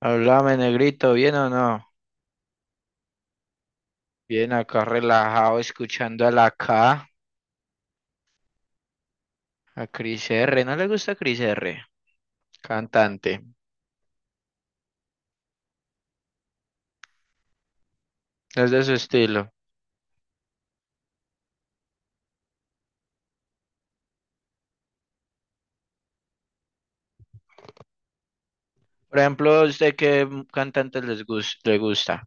Háblame, negrito, ¿bien o no? Bien acá relajado, escuchando a la K, a Cris R. ¿No le gusta Cris R? Cantante, es de su estilo. Por ejemplo, ¿a ¿usted qué m- cantante les gus- le gusta?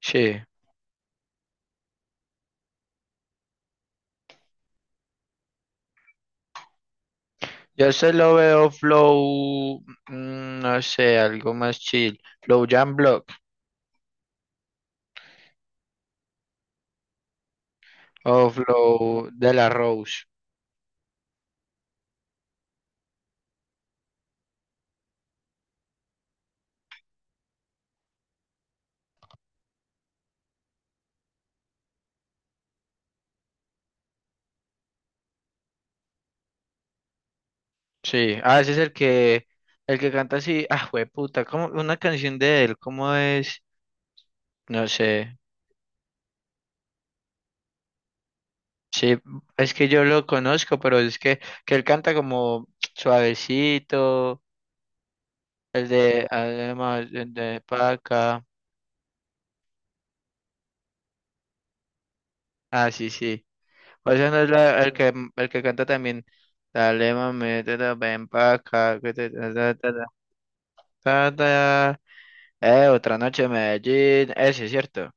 Sí, yo se lo veo flow, no sé, algo más chill. Flow Jam Block o Flow de la Rose. Sí, ah, ese es el que canta así, ah, puta, como una canción de él, ¿cómo es? No sé. Sí, es que yo lo conozco, pero que él canta como suavecito, el de además el de Paca. Ah, sí, sí. O sea, no es la- el que canta también. Dale, mami, te da ven paca. Que ta, ta, ta, ta, ta. Otra noche en Medellín. Ese es cierto.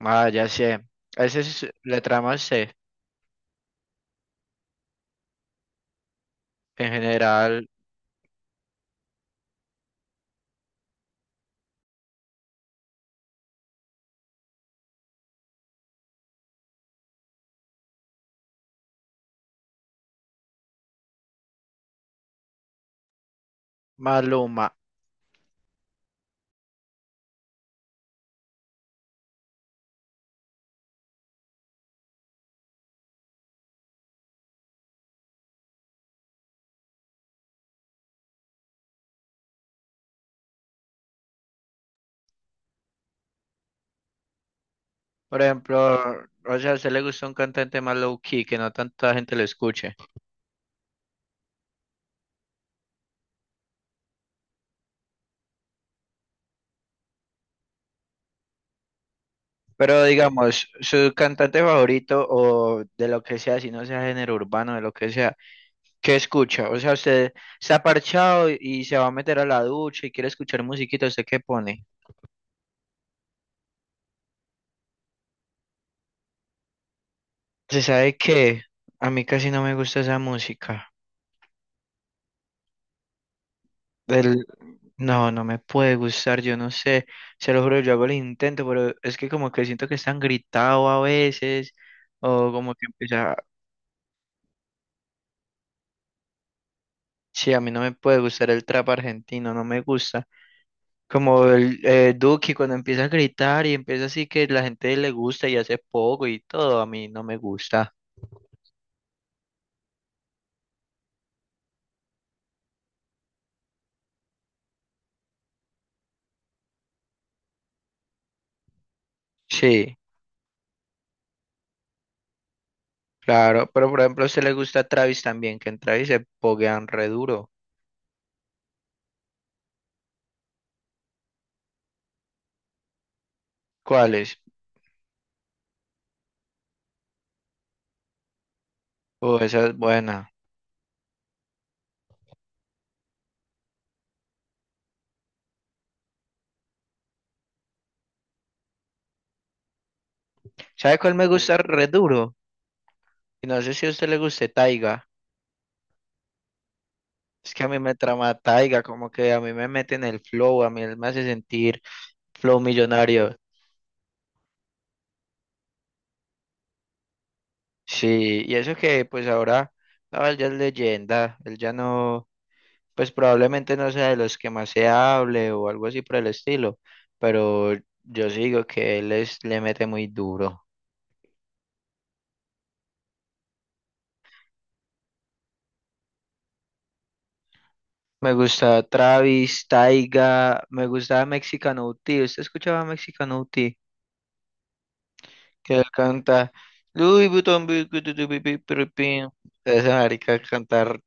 Ah, ya sé. Ese es letra más C. En general, Maluma. Por ejemplo, o sea, a usted le gusta un cantante más low key, que no tanta gente lo escuche. Pero digamos, su cantante favorito o de lo que sea, si no sea género urbano, de lo que sea, ¿qué escucha? O sea, usted se ha parchado y se va a meter a la ducha y quiere escuchar musiquita, ¿usted qué pone? ¿Se sabe qué? A mí casi no me gusta esa música. El- No, no me puede gustar, yo no sé, se lo juro, yo hago el intento, pero es que como que siento que están gritado a veces, o como que empieza, sí, a mí no me puede gustar el trap argentino, no me gusta. Como el Duki cuando empieza a gritar y empieza así que la gente le gusta y hace poco y todo, a mí no me gusta. Sí, claro, pero por ejemplo a usted le gusta Travis también, que en Travis se poguean re duro. ¿Cuáles? Oh, esa es buena. ¿Sabe cuál me gusta re duro? Y no sé si a usted le guste Taiga. Es que a mí me trama Taiga, como que a mí me mete en el flow, a mí él me hace sentir flow millonario. Sí, y eso que pues ahora, no, él ya es leyenda, él ya no. Pues probablemente no sea de los que más se hable o algo así por el estilo, pero yo sí digo que le mete muy duro. Me gusta Travis, Taiga, me gustaba Mexicano UT. ¿Usted escuchaba Mexicano UT? Que él canta Louis Vuitton, bi". Esa marica cantar.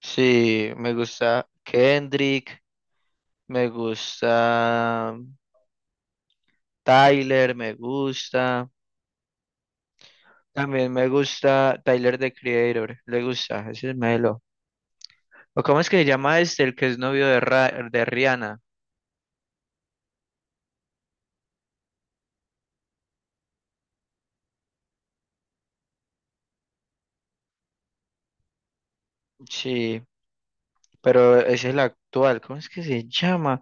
Sí, me gusta Kendrick, me gusta Tyler, me gusta. También me gusta Tyler, the Creator. Le gusta, ese es Melo. ¿O cómo es que se llama este, el que es novio de, de Rihanna? Sí, pero ese es el actual. ¿Cómo es que se llama?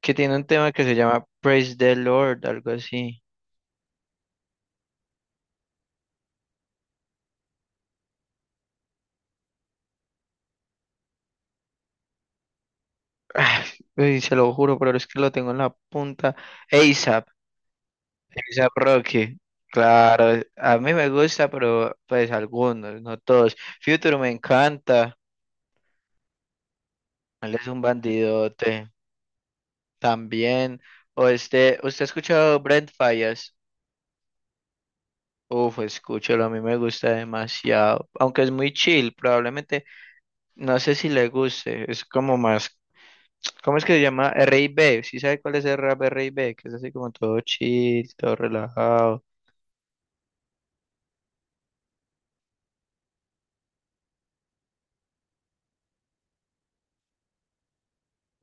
Que tiene un tema que se llama Praise the Lord, algo así. Ah, uy, se lo juro, pero es que lo tengo en la punta. ASAP, ASAP Rocky. Claro, a mí me gusta, pero pues algunos, no todos. Future me encanta. Él es un bandidote. También, o este, ¿usted ha escuchado Brent Fallas? Uf, escúchalo, a mí me gusta demasiado, aunque es muy chill, probablemente, no sé si le guste, es como más, ¿cómo es que se llama? R&B, ¿sí sabe cuál es el rap R&B? Que es así como todo chill, todo relajado.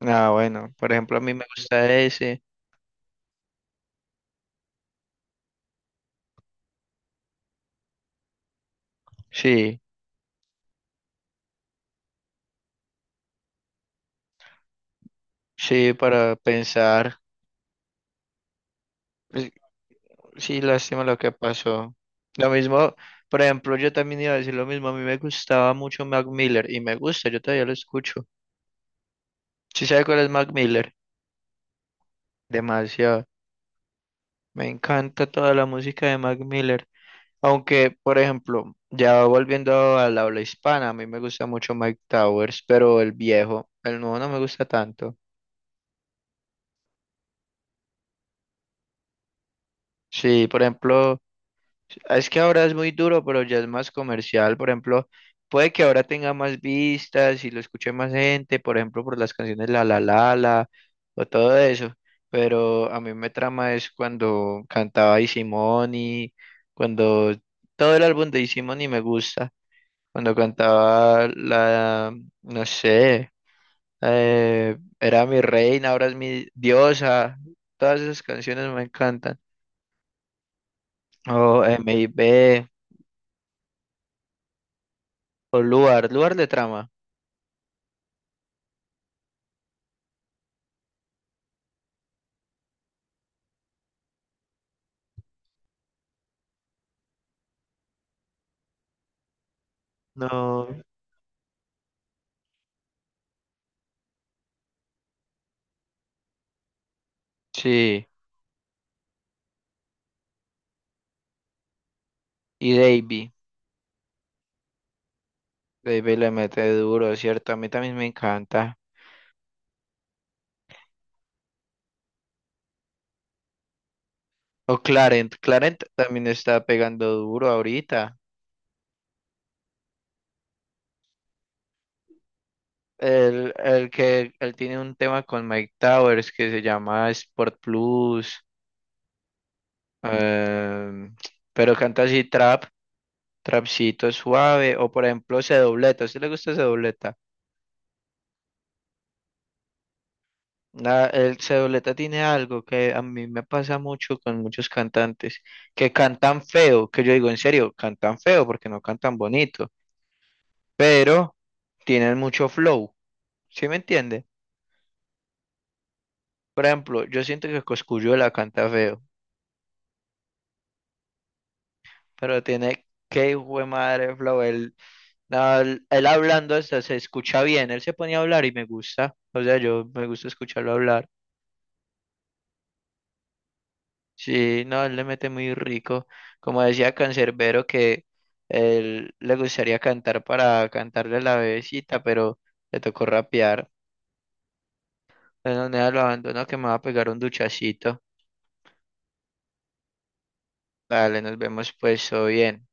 Ah, bueno, por ejemplo, a mí me gusta ese, sí, sí, para pensar. Pues, sí, lástima lo que pasó. Lo mismo, por ejemplo, yo también iba a decir lo mismo. A mí me gustaba mucho Mac Miller y me gusta, yo todavía lo escucho. ¿Sí sabe cuál es Mac Miller? Demasiado. Me encanta toda la música de Mac Miller. Aunque, por ejemplo, ya volviendo al habla hispana, a mí me gusta mucho Mike Towers, pero el viejo, el nuevo no me gusta tanto. Sí, por ejemplo. Es que ahora es muy duro, pero ya es más comercial. Por ejemplo, puede que ahora tenga más vistas y lo escuche más gente, por ejemplo, por las canciones La La La La o todo eso. Pero a mí me trama es cuando cantaba Easy Money, cuando todo el álbum de Easy Money me gusta. Cuando cantaba la, no sé, era mi reina, ahora es mi diosa. Todas esas canciones me encantan. O MIB, o Luar, Luar de trama. No, sí. Y Davey. Davey le mete duro, ¿cierto? A mí también me encanta. O Clarent. Clarent también está pegando duro ahorita. El que él tiene un tema con Mike Towers que se llama Sport Plus. em, pero canta así trap, trapcito suave. O por ejemplo, C dobleta. ¿A usted le gusta C dobleta? El Cedoleta tiene algo que a mí me pasa mucho con muchos cantantes, que cantan feo, que yo digo en serio, cantan feo porque no cantan bonito, pero tienen mucho flow, ¿sí me entiende? Por ejemplo, yo siento que Cosculluela canta feo, pero tiene qué hijo de madre flow, él, no, él hablando hasta se escucha bien, él se ponía a hablar y me gusta, o sea, yo me gusta escucharlo hablar. Sí, no, él le mete muy rico. Como decía Cancerbero que él le gustaría cantar para cantarle a la bebecita, pero le tocó rapear. Bueno, nada, lo abandono que me va a pegar un duchacito. Vale, nos vemos pues, todo bien.